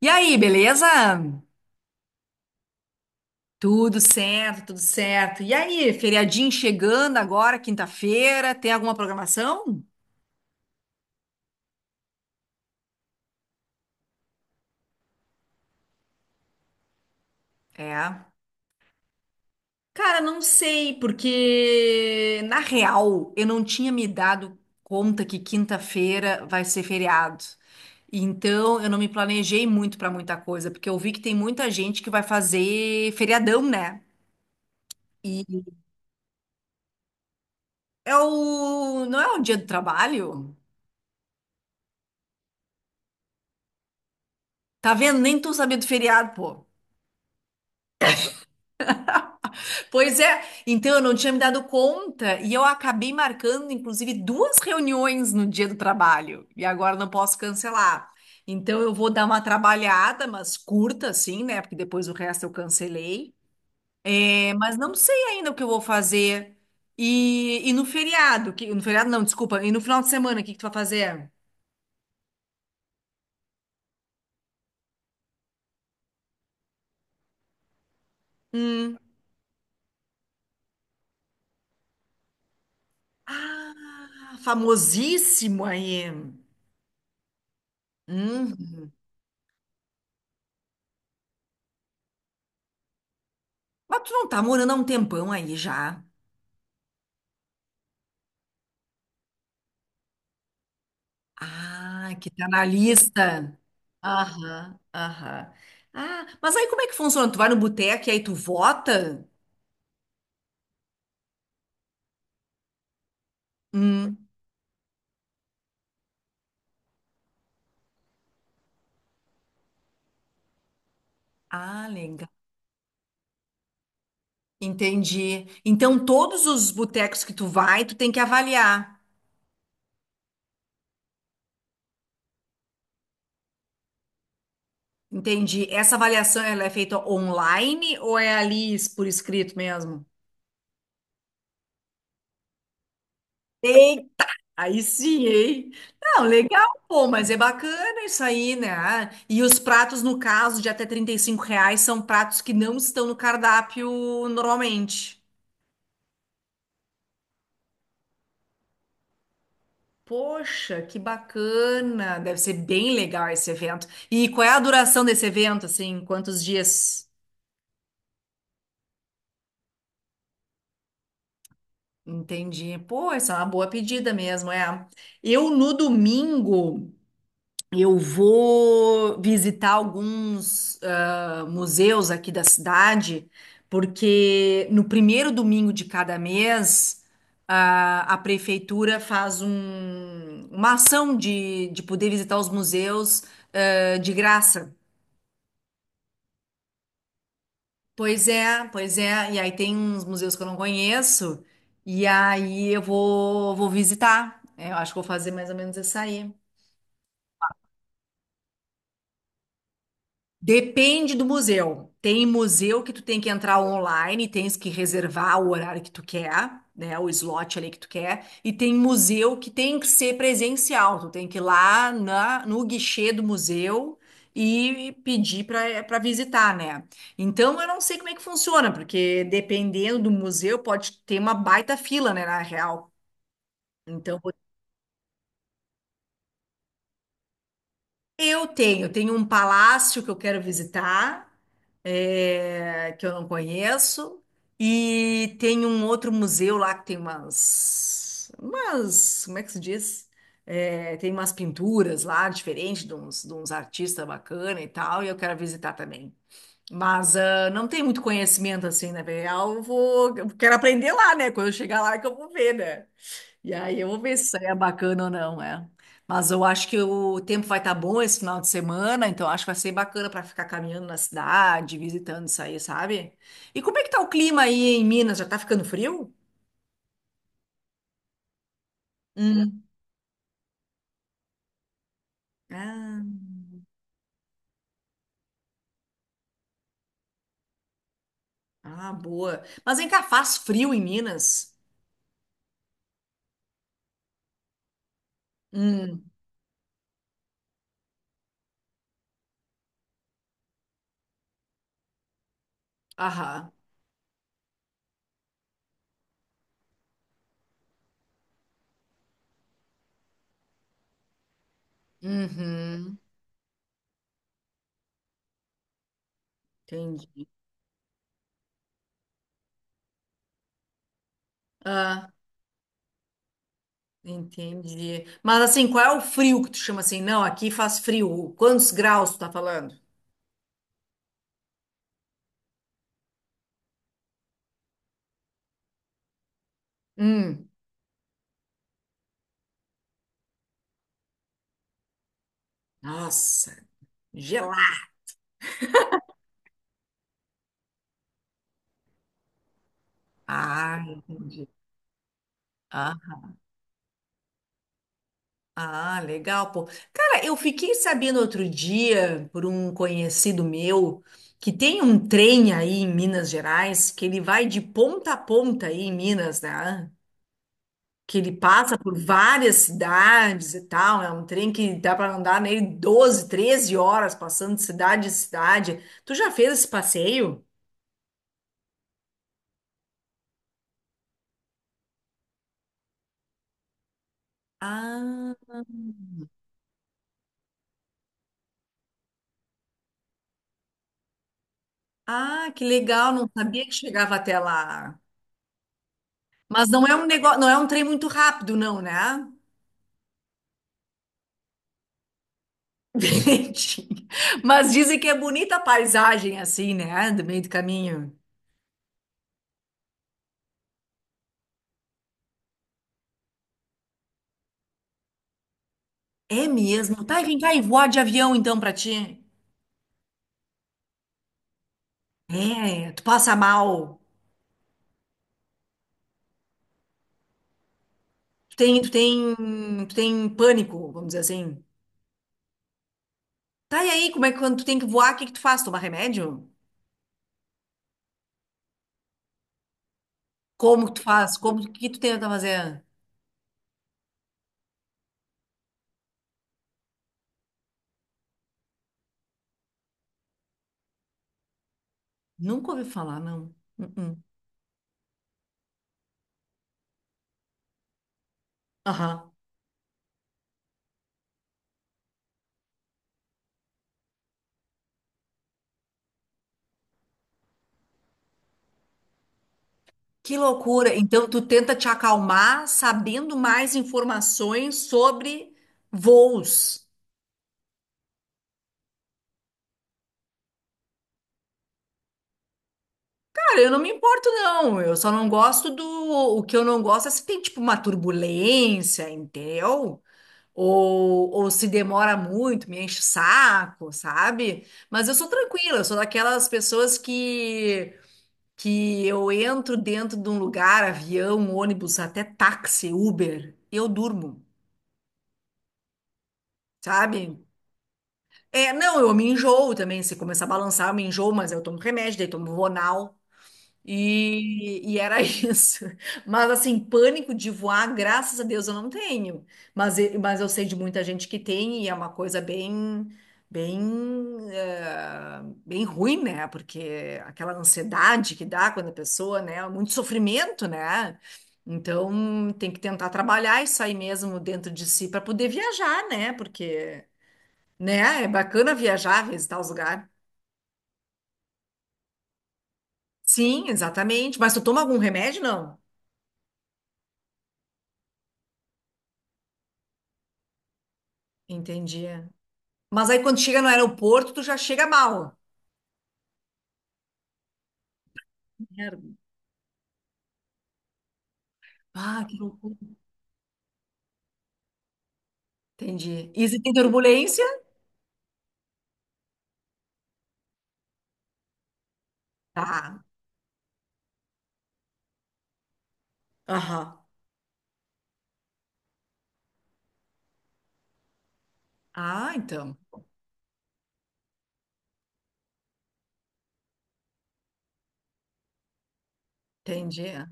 E aí, beleza? Tudo certo, tudo certo. E aí, feriadinho chegando agora, quinta-feira, tem alguma programação? É. Cara, não sei, porque na real eu não tinha me dado conta que quinta-feira vai ser feriado. Então eu não me planejei muito pra muita coisa, porque eu vi que tem muita gente que vai fazer feriadão, né? E é não é o dia do trabalho? Tá vendo? Nem tô sabendo do feriado, pô. Pois é, então eu não tinha me dado conta e eu acabei marcando, inclusive, duas reuniões no dia do trabalho e agora não posso cancelar. Então eu vou dar uma trabalhada, mas curta assim, né? Porque depois o resto eu cancelei. É, mas não sei ainda o que eu vou fazer. E no feriado, que, no feriado não, desculpa, e no final de semana, o que que tu vai fazer? Hum. Ah, famosíssimo aí. Hum. Mas tu não tá morando há um tempão aí já. Ah, que tá na lista. Aham, aham. Ah, mas aí como é que funciona? Tu vai no boteco e aí tu vota? Hum. Ah, legal. Entendi. Então, todos os botecos que tu vai, tu tem que avaliar. Entendi. Essa avaliação, ela é feita online ou é ali por escrito mesmo? Tem Aí sim, hein? Não, legal, pô, mas é bacana isso aí, né? Ah, e os pratos, no caso, de até R$ 35, são pratos que não estão no cardápio normalmente. Poxa, que bacana! Deve ser bem legal esse evento. E qual é a duração desse evento, assim? Quantos dias? Entendi. Pô, essa é uma boa pedida mesmo, é. Eu, no domingo, eu vou visitar alguns museus aqui da cidade, porque no primeiro domingo de cada mês, a prefeitura faz uma ação de poder visitar os museus, de graça. Pois é, pois é. E aí tem uns museus que eu não conheço, e aí eu vou, visitar. É, eu acho que vou fazer mais ou menos isso aí. Depende do museu. Tem museu que tu tem que entrar online, tens que reservar o horário que tu quer, né? O slot ali que tu quer. E tem museu que tem que ser presencial. Tu tem que ir lá na, no guichê do museu e pedir para visitar, né? Então eu não sei como é que funciona, porque dependendo do museu pode ter uma baita fila, né? Na real. Então eu tenho um palácio que eu quero visitar, que eu não conheço, e tem um outro museu lá que tem umas, como é que se diz? Tem umas pinturas lá, diferentes de uns artistas bacana e tal, e eu quero visitar também. Mas ah, não tem muito conhecimento assim, na real, eu vou, eu quero aprender lá, né? Quando eu chegar lá é que eu vou ver, né? E aí eu vou ver se isso aí é bacana ou não, é. Mas eu acho que o tempo vai estar bom esse final de semana, então acho que vai ser bacana para ficar caminhando na cidade, visitando isso aí, sabe? E como é que tá o clima aí em Minas? Já tá ficando frio? Hum. Ah, ah, boa. Mas vem cá, faz frio em Minas? Hum, aham. Uhum, entendi. Ah, entendi. Mas assim, qual é o frio que tu chama assim? Não, aqui faz frio. Quantos graus tu tá falando? Hum, nossa. Gelar. Ah, entendi. Ah, ah, legal, pô. Cara, eu fiquei sabendo outro dia por um conhecido meu que tem um trem aí em Minas Gerais que ele vai de ponta a ponta aí em Minas, né? Que ele passa por várias cidades e tal. É um trem que dá para andar nele 12, 13 horas passando de cidade em cidade. Tu já fez esse passeio? Ah, ah, que legal, não sabia que chegava até lá. Mas não é um negócio, não é um trem muito rápido, não, né? Gente, mas dizem que é bonita a paisagem assim, né? Do meio do caminho. É mesmo. Tá, vem cá e voar de avião então pra ti. É, tu passa mal. Tu tem, tu tem, tu tem pânico, vamos dizer assim. Tá, e aí, como é que quando tu tem que voar, o que que tu faz? Tomar remédio? Como que tu faz? Como o que tu tenta fazer? Nunca ouvi falar, não. Uh-uh. Aham. Que loucura! Então, tu tenta te acalmar sabendo mais informações sobre voos. Cara, eu não me importo, não. Eu só não gosto do. O que eu não gosto é se tem, tipo, uma turbulência, entendeu? Ou se demora muito, me enche o saco, sabe? Mas eu sou tranquila, eu sou daquelas pessoas. Que eu entro dentro de um lugar, avião, ônibus, até táxi, Uber, eu durmo, sabe? É, não, eu me enjoo também. Se começar a balançar, eu me enjoo, mas eu tomo remédio, daí tomo Vonal. E era isso. Mas assim, pânico de voar, graças a Deus eu não tenho. Mas, mas eu sei de muita gente que tem e é uma coisa bem, bem, bem ruim, né? Porque aquela ansiedade que dá quando a pessoa, né? Muito sofrimento, né? Então tem que tentar trabalhar isso aí mesmo dentro de si para poder viajar, né? Porque né? É bacana viajar, visitar os lugares. Sim, exatamente. Mas tu toma algum remédio? Não. Entendi. É. Mas aí quando chega no aeroporto, tu já chega mal. Merda. Ah, que loucura. Entendi. E se tem turbulência? Tá. Aham. Ah, então. Entendi.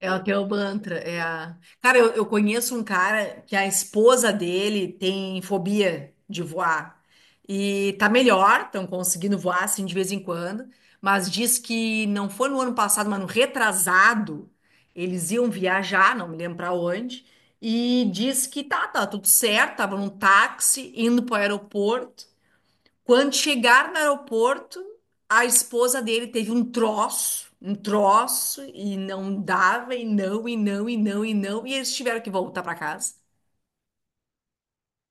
É o teu mantra. Cara, eu conheço um cara que a esposa dele tem fobia de voar. E tá melhor, estão conseguindo voar, assim, de vez em quando. Mas diz que não foi no ano passado, mas no retrasado, eles iam viajar, não me lembro pra onde. E diz que tá tudo certo, tava num táxi indo pro aeroporto. Quando chegaram no aeroporto, a esposa dele teve um troço, e não dava, e não, e não, e não, e não, e eles tiveram que voltar pra casa.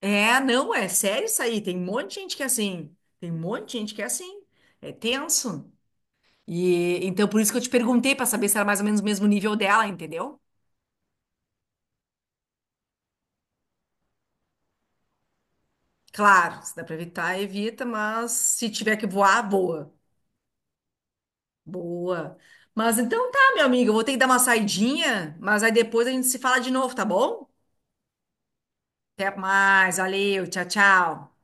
É, não, é sério isso aí. Tem um monte de gente que é assim. Tem um monte de gente que é assim. É tenso. E então por isso que eu te perguntei pra saber se era mais ou menos o mesmo nível dela, entendeu? Claro, se dá pra evitar, evita, mas se tiver que voar, voa. Boa. Mas então tá, meu amigo, eu vou ter que dar uma saidinha, mas aí depois a gente se fala de novo, tá bom? Até mais, valeu, tchau, tchau.